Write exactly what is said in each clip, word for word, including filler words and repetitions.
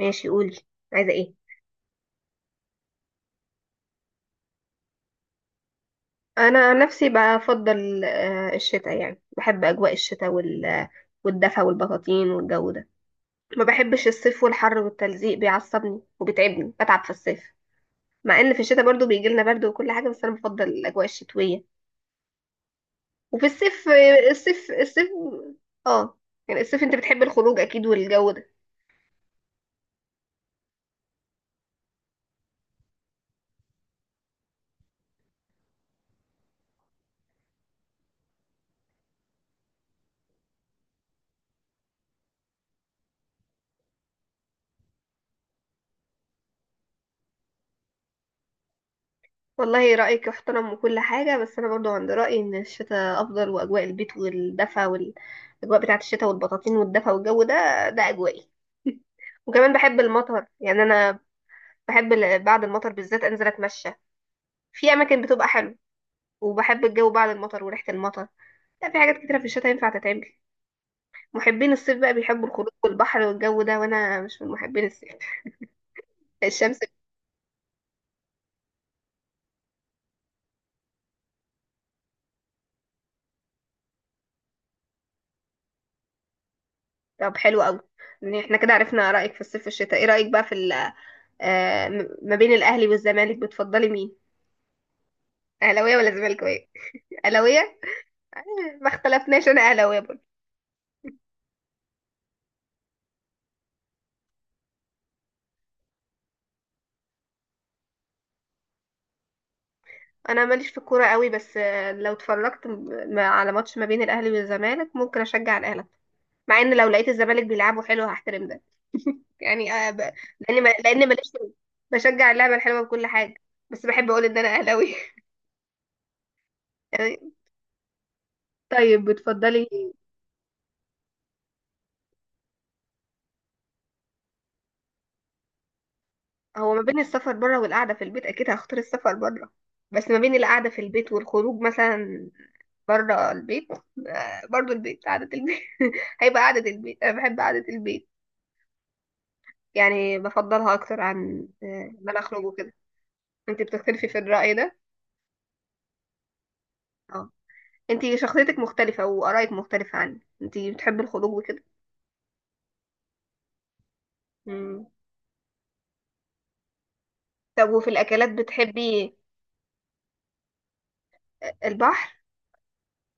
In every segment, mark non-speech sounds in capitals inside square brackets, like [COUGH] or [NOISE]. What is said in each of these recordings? ماشي قولي. عايزة ايه؟ انا عن نفسي بفضل آه، الشتاء، يعني بحب اجواء الشتاء وال والدفا والبطاطين والجو ده. ما بحبش الصيف والحر والتلزيق بيعصبني وبتعبني، بتعب في الصيف. مع ان في الشتاء برضو بيجي لنا برد وكل حاجة، بس انا بفضل الاجواء الشتوية. وفي الصيف آه، الصيف الصيف. اه، يعني الصيف انت بتحب الخروج اكيد والجو ده. والله رأيك يحترم وكل حاجة، بس أنا برضو عند رأيي إن الشتاء أفضل، وأجواء البيت والدفا والأجواء بتاعة الشتاء والبطاطين والدفا والجو ده، ده أجوائي. وكمان بحب المطر، يعني أنا بحب ال- بعد المطر بالذات أنزل أتمشى في أماكن بتبقى حلوة. وبحب الجو بعد المطر وريحة المطر. لا، في حاجات كتيرة في الشتاء ينفع تتعمل. محبين الصيف بقى بيحبوا الخروج والبحر والجو ده، وأنا مش من محبين الصيف. الشمس. طب حلو أوي. يعني احنا كده عرفنا رأيك في الصيف والشتاء. ايه رأيك بقى في آه، م- ما بين الاهلي والزمالك، بتفضلي مين؟ اهلاويه ولا زملكاويه؟ اهلاويه. آه، ما اختلفناش، انا اهلاويه برضه. انا ماليش في الكوره قوي، بس آه، لو اتفرجت م- على ماتش ما بين الاهلي والزمالك ممكن اشجع الاهلي. مع ان لو لقيت الزمالك بيلعبوا حلو هحترم ده. يعني آه، ب... لان ما... لان ماليش في- بشجع اللعبه الحلوه بكل حاجه، بس بحب اقول ان انا اهلاويه. [LAUGHS] طيب بتفضلي. هو ما بين السفر بره والقعده في البيت اكيد هختار السفر بره. بس ما بين القعده في البيت والخروج مثلا بره البيت، آه، برضو البيت، قعدة البيت [LAUGHS] هيبقى قعدة البيت. أنا بحب قعدة البيت، يعني بفضلها أكتر عن آه، إن أنا أخرج وكده. أنت بتختلفي في الرأي ده؟ اه، أنت شخصيتك مختلفة وآرائك مختلفة عني، أنت بتحبي الخروج وكده. مم. طب وفي الأكلات بتحبي البحر؟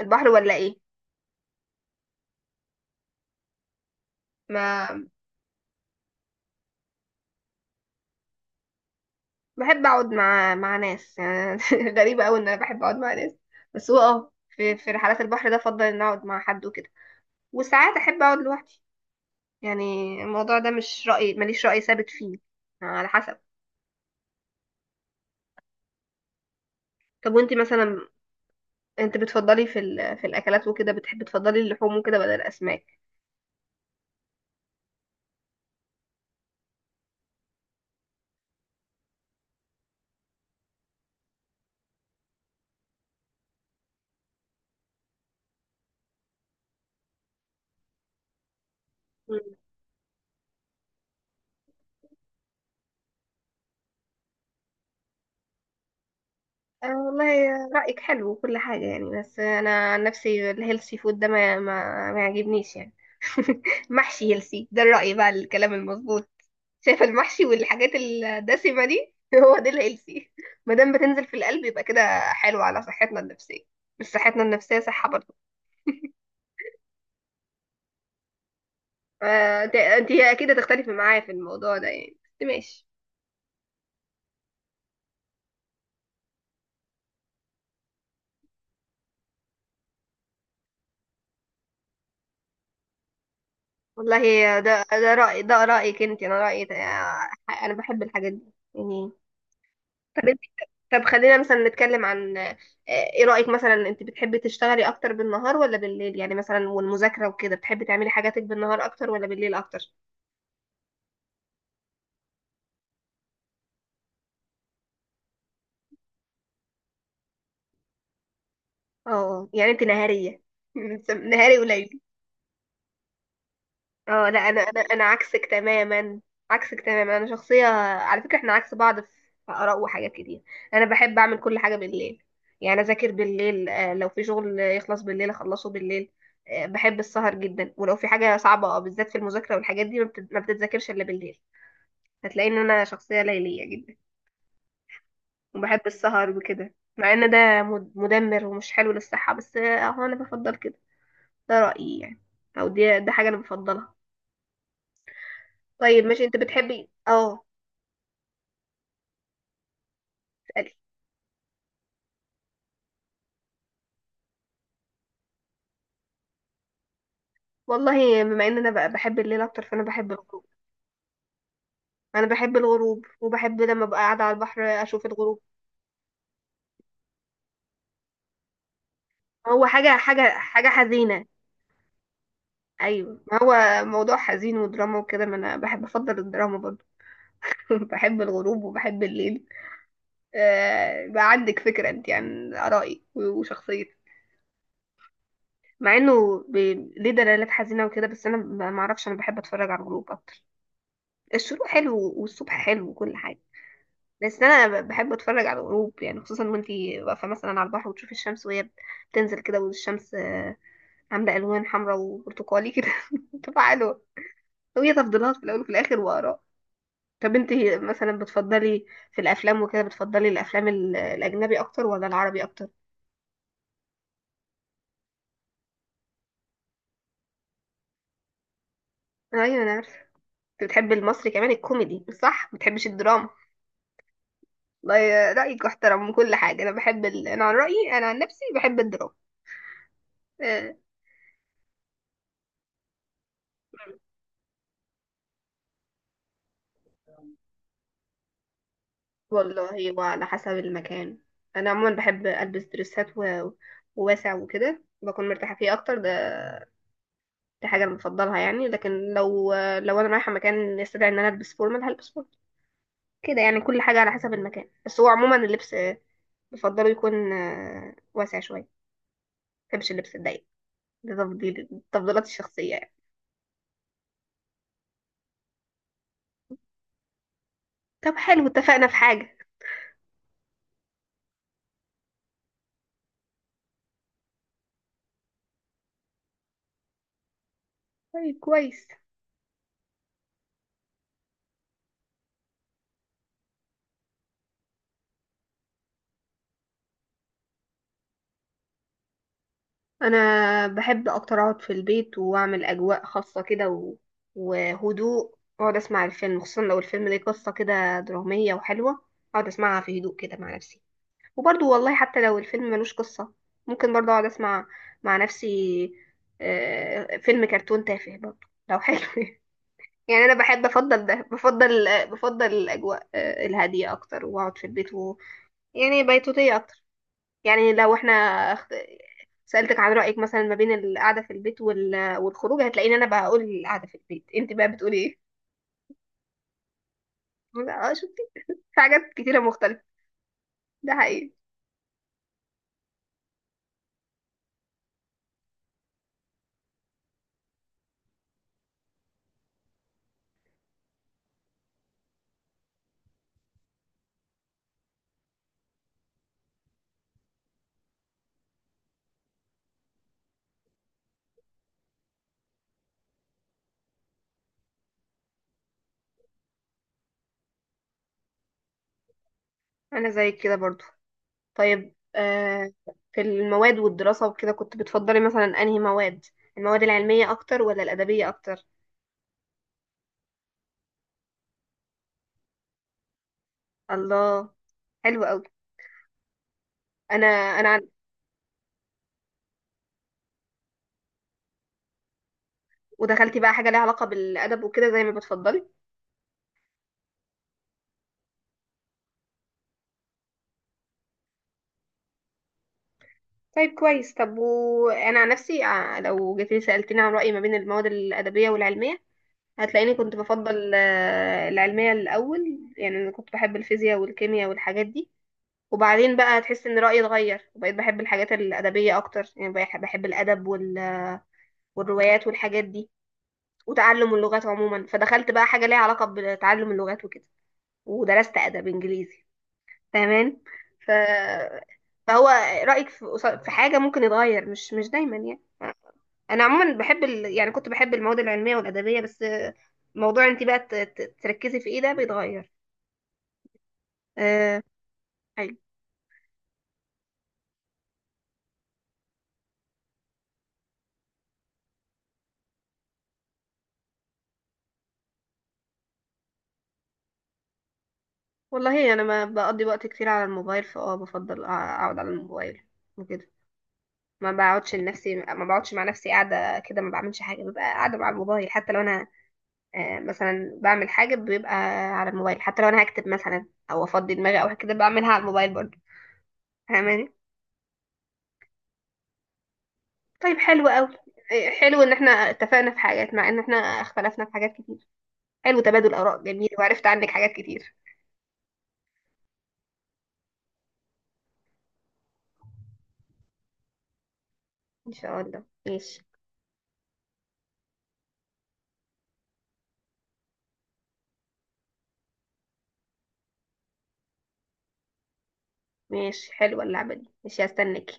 البحر ولا إيه؟ ما بحب أقعد مع مع ناس، يعني [LAUGHS] غريبة أوي إن أنا بحب أقعد مع ناس. بس هو أه في في رحلات البحر ده أفضل إن أقعد مع حد وكده. وساعات أحب أقعد لوحدي يعني. الموضوع ده مش رأي، ماليش رأي ثابت فيه، على حسب. طب وانت مثلا، انت بتفضلي في ال... في الاكلات وكده بتحبي تفضلي اللحوم وكده بدل الاسماك؟ مم. آه والله رأيك حلو وكل حاجة يعني، بس انا عن نفسي الهيلثي فود ده ما ما, ما يعجبنيش يعني. [LAUGHS] محشي هيلثي، ده الرأي بقى، الكلام المظبوط. شايفة المحشي والحاجات الدسمة دي [LAUGHS] هو ده الهيلثي. ما دام بتنزل في القلب يبقى كده حلو على صحتنا النفسية، مش صحتنا النفسية، صحة برضه. فانت اكيد هتختلفي معايا في الموضوع ده يعني، بس ماشي. والله ده ده رأي ده رأيك انت، انا رأيي ده- انا بحب الحاجات دي يعني. طب انت، طب خلينا مثلا نتكلم عن آه، ايه رأيك مثلا، انت بتحبي تشتغلي اكتر بالنهار ولا بالليل؟ يعني مثلا والمذاكرة وكده بتحبي تعملي حاجاتك بالنهار اكتر ولا بالليل اكتر؟ اه، يعني انت نهارية. [LAUGHS] نهاري قليل. اه لا، انا انا انا عكسك تماما، عكسك تماما. انا شخصيه، على فكره احنا عكس بعض في اراء وحاجات كتير. انا بحب اعمل كل حاجه بالليل، يعني اذاكر بالليل. آه، لو في شغل يخلص بالليل اخلصه بالليل. آه، بحب السهر جدا، ولو في حاجه صعبه آه، بالذات في المذاكره والحاجات دي ما بتت- ما بتتذاكرش الا بالليل. هتلاقي ان انا شخصيه ليليه جدا وبحب السهر وكده، مع ان ده مد- مدمر ومش حلو للصحه، بس آه، اهو انا بفضل كده. ده رايي يعني، او دي ده حاجه انا بفضلها. طيب ماشي انت بتحبي اه. اسألي. والله بما ان انا بقى بحب الليل اكتر، فانا بحب الغروب. انا بحب الغروب، وبحب لما ابقى قاعده على البحر اشوف الغروب. هو حاجه حاجه حاجه حزينه. ايوه، ما هو موضوع حزين ودراما وكده، ما انا بحب افضل الدراما برضو. [LAUGHS] بحب الغروب وبحب الليل. آه، بقى عندك فكره انت عن ارائي و- وشخصيتي. مع انه ب... ليه دلالات حزينه وكده، بس انا ما ما اعرفش، انا بحب اتفرج على الغروب اكتر. الشروق حلو والصبح حلو وكل حاجه، بس انا ب- بحب اتفرج على الغروب. يعني خصوصا وانتي واقفه مثلا على البحر، وتشوفي الشمس وهي بتنزل كده، والشمس آه، عامله الوان حمراء وبرتقالي كده. [LAUGHS] بتبقى حلوه. هي تفضيلات في الاول وفي الاخر واراء. طب انتي مثلا بتفضلي في الافلام وكده، بتفضلي الافلام ال- الاجنبي اكتر ولا العربي اكتر؟ ايوه انا عارفه. انت بتحبي المصري كمان الكوميدي، صح؟ ما بتحبش الدراما. والله رايك احترم من كل حاجه، انا بحب ال... انا عن رايي، انا عن نفسي بحب الدراما. آه. والله وعلى حسب المكان. انا عموما بحب البس دريسات و... وواسع وكده، بكون مرتاحه فيه اكتر. ده دي حاجه انا بفضلها يعني، لكن لو لو انا رايحه مكان يستدعي ان انا البس فورمال هلبس فورمال. كده يعني، كل حاجه على حسب المكان، بس هو عموما اللبس بفضله يكون آه، واسع شويه، ما بحبش اللبس الضيق. ده تفضيل، التفضيلات الشخصيه يعني. طب حلو، اتفقنا في حاجه. طيب كويس. انا بحب اكتر اقعد في البيت واعمل اجواء خاصه كده و... وهدوء، واقعد اسمع الفيلم، خصوصا لو الفيلم ليه قصه كده دراميه وحلوه اقعد اسمعها في هدوء كده مع نفسي. وبرضو والله حتى لو الفيلم ملوش قصه ممكن برضو اقعد اسمع مع نفسي. آه، فيلم كرتون تافه برضو لو حلو. [LAUGHS] يعني انا بحب افضل ده، بفضل بفضل الاجواء آه، الهاديه اكتر، واقعد في البيت و... يعني بيتوتيه اكتر. يعني لو احنا اخت- سألتك عن رأيك مثلا ما بين القعدة في البيت وال- والخروج، هتلاقيني انا بقول القعدة في البيت، انت بقى بتقولي ايه؟ لا، اه شفتي، في حاجات كتيرة مختلفة. ده حقيقي. انا زيك كده برضو. طيب آه، في المواد والدراسة وكده كنت بتفضلي مثلا انهي مواد؟ المواد العلمية اكتر ولا الأدبية اكتر؟ الله، حلو قوي. انا انا عن- ودخلتي بقى حاجة ليها علاقة بالأدب وكده زي ما بتفضلي. طيب كويس. طب وانا عن نفسي ع- لو جيت لي سألتني عن رأيي ما بين المواد الأدبية والعلمية، هتلاقيني كنت بفضل آه، العلمية الأول. يعني أنا كنت بحب الفيزياء والكيمياء والحاجات دي، وبعدين بقى هتحس إن رأيي اتغير وبقيت بحب الحاجات الأدبية أكتر. يعني بح- بحب الأدب وال- والروايات والحاجات دي، وتعلم اللغات عموما. فدخلت بقى حاجة ليها علاقة بتعلم اللغات وكده، ودرست أدب إنجليزي. فاهمان. ف... فهو رأيك في في حاجة ممكن يتغير، مش مش دايما يعني. انا عموما بحب ال... يعني كنت بحب المواد العلميه والادبيه، بس آه، موضوع انت بقى ت- ت- تركزي في ايه ده بيتغير. أه... حلو. والله انا ما بقضي وقت كتير على الموبايل، فاه بفضل أع- اقعد على الموبايل وكده. ما بقعدش لنفسي، ما بقعدش مع نفسي قاعده كده ما بعملش حاجه، ببقى قاعده مع الموبايل. حتى لو انا آه، مثلا بعمل حاجه بيبقى على الموبايل، حتى لو انا هكتب مثلا او افضي دماغي او كده بعملها على الموبايل برضه. فاهماني. طيب حلو قوي. حلو ان احنا اتفقنا في حاجات، مع ان احنا اختلفنا في حاجات كتير. حلو تبادل آراء جميل، وعرفت عنك حاجات كتير. إن شاء الله، ماشي. ماشي، حلوة اللعبة دي، ماشي هستناك.